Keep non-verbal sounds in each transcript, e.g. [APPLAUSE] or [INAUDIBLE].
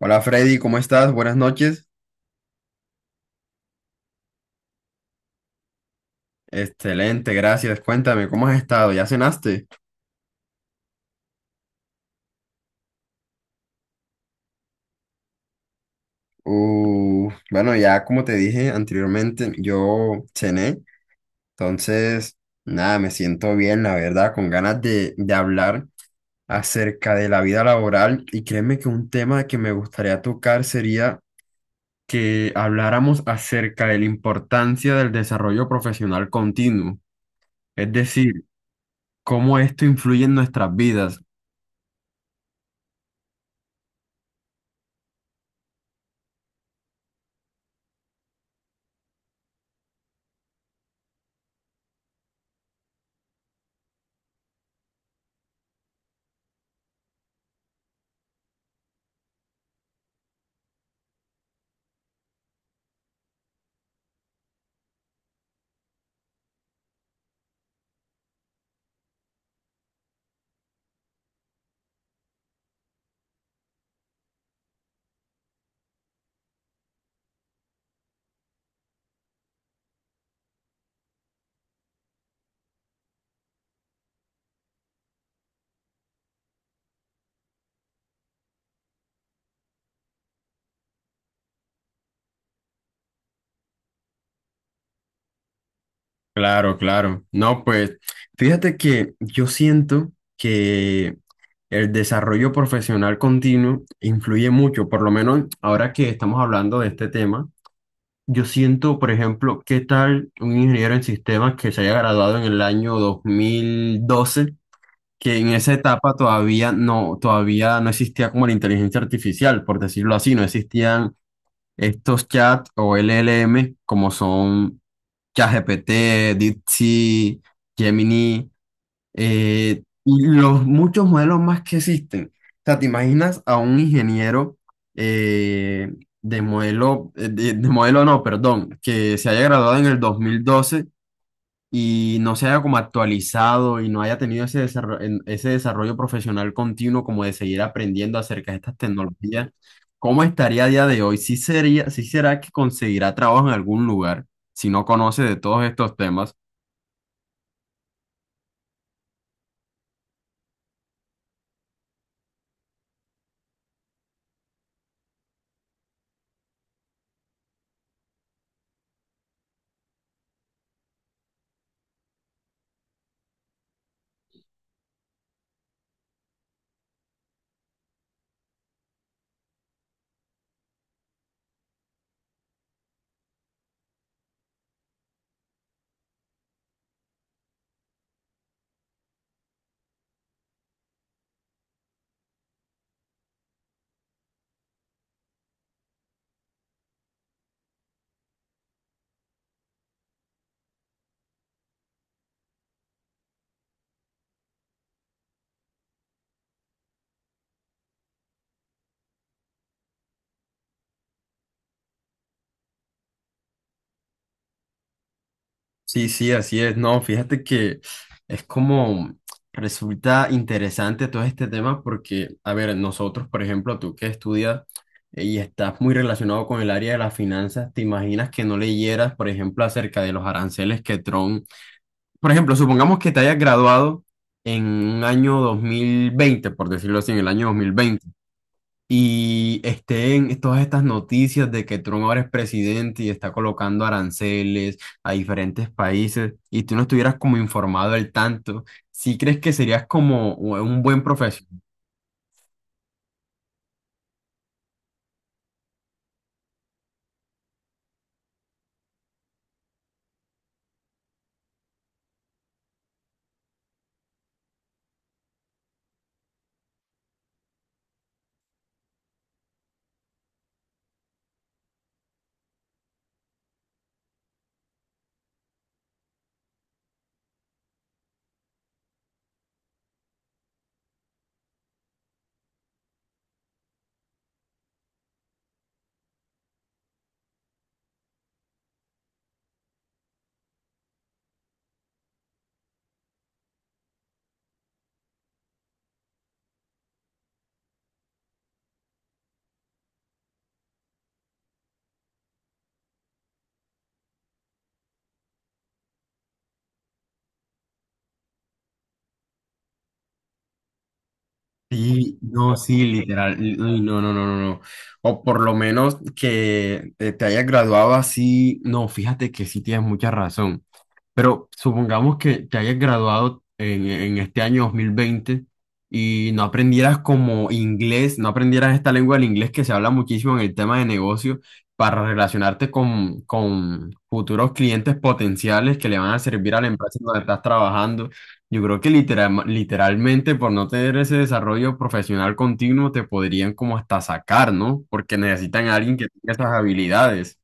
Hola Freddy, ¿cómo estás? Buenas noches. Excelente, gracias. Cuéntame, ¿cómo has estado? ¿Ya cenaste? Bueno, ya como te dije anteriormente, yo cené, entonces, nada, me siento bien, la verdad, con ganas de hablar acerca de la vida laboral, y créeme que un tema que me gustaría tocar sería que habláramos acerca de la importancia del desarrollo profesional continuo, es decir, cómo esto influye en nuestras vidas. Claro, claro. No, pues fíjate que yo siento que el desarrollo profesional continuo influye mucho, por lo menos ahora que estamos hablando de este tema. Yo siento, por ejemplo, qué tal un ingeniero en sistemas que se haya graduado en el año 2012, que en esa etapa todavía no existía como la inteligencia artificial, por decirlo así. No existían estos chats o LLM como son ChatGPT, DeepSeek, Gemini, y los muchos modelos más que existen. O sea, ¿te imaginas a un ingeniero eh, de modelo no, perdón, que se haya graduado en el 2012 y no se haya como actualizado y no haya tenido ese desarrollo profesional continuo, como de seguir aprendiendo acerca de estas tecnologías? ¿Cómo estaría a día de hoy? ¿Sí sería, sí será que conseguirá trabajo en algún lugar si no conoce de todos estos temas? Sí, sí, así es. No, fíjate que es como resulta interesante todo este tema porque, a ver, nosotros, por ejemplo, tú que estudias, y estás muy relacionado con el área de las finanzas, ¿te imaginas que no leyeras, por ejemplo, acerca de los aranceles que Trump, por ejemplo, supongamos que te hayas graduado en un año 2020, por decirlo así, en el año 2020, y estén todas estas noticias de que Trump ahora es presidente y está colocando aranceles a diferentes países, y tú no estuvieras como informado del tanto? ¿Sí crees que serías como un buen profesional? Sí, no, sí, literal, uy, no, no, no, no, no. O por lo menos que te hayas graduado así, no, fíjate que sí tienes mucha razón. Pero supongamos que te hayas graduado en este año 2020 y no aprendieras como inglés, no aprendieras esta lengua del inglés que se habla muchísimo en el tema de negocio para relacionarte con futuros clientes potenciales que le van a servir a la empresa en donde estás trabajando. Yo creo que literalmente, por no tener ese desarrollo profesional continuo, te podrían como hasta sacar, ¿no? Porque necesitan a alguien que tenga esas habilidades.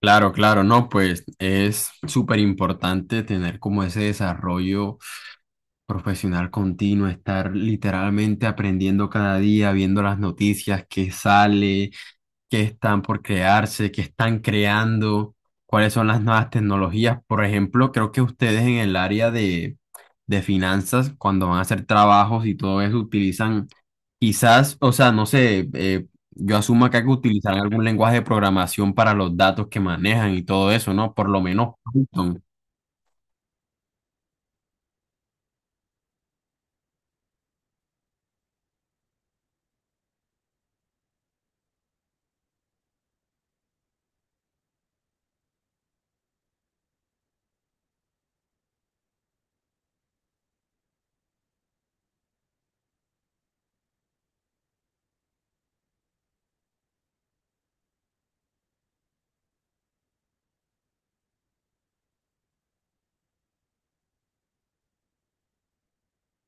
Claro, claro, no, pues es súper importante tener como ese desarrollo profesional continuo, estar literalmente aprendiendo cada día, viendo las noticias que sale, que están por crearse, que están creando, cuáles son las nuevas tecnologías. Por ejemplo, creo que ustedes en el área de finanzas, cuando van a hacer trabajos y todo eso, utilizan quizás, o sea, no sé, yo asumo acá que utilizarán algún lenguaje de programación para los datos que manejan y todo eso, ¿no? Por lo menos Python.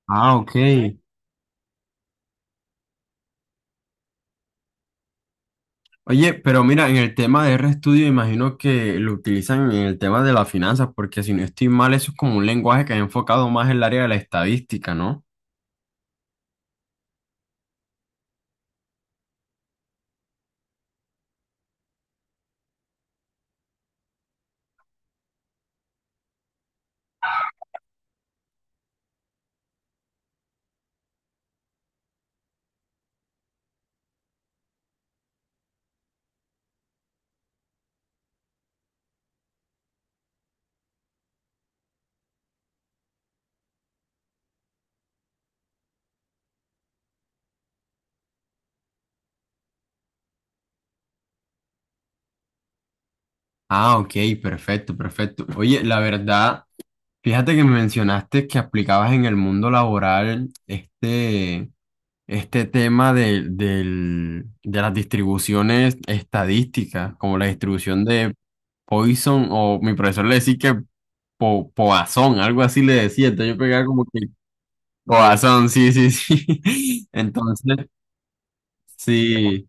Ah, ok. Oye, pero mira, en el tema de RStudio, imagino que lo utilizan en el tema de las finanzas, porque si no estoy mal, eso es como un lenguaje que ha enfocado más en el área de la estadística, ¿no? Ah, ok, perfecto, perfecto. Oye, la verdad, fíjate que me mencionaste que aplicabas en el mundo laboral este tema de las distribuciones estadísticas, como la distribución de Poisson, o mi profesor le decía que Poisson, algo así le decía, entonces yo pegaba como que Boazón, sí, sí, sí. [LAUGHS] Entonces, sí.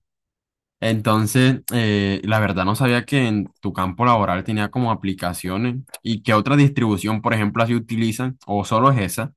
Entonces, la verdad no sabía que en tu campo laboral tenía como aplicaciones, y qué otra distribución, por ejemplo, así utilizan, o solo es esa.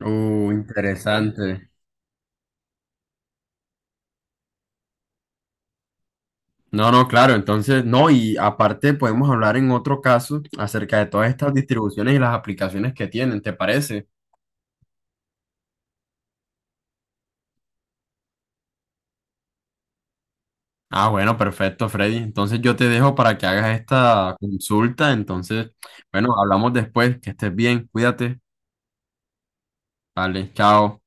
Interesante. No, no, claro, entonces, no, y aparte podemos hablar en otro caso acerca de todas estas distribuciones y las aplicaciones que tienen, ¿te parece? Ah, bueno, perfecto, Freddy. Entonces yo te dejo para que hagas esta consulta. Entonces, bueno, hablamos después, que estés bien, cuídate. Vale, chao.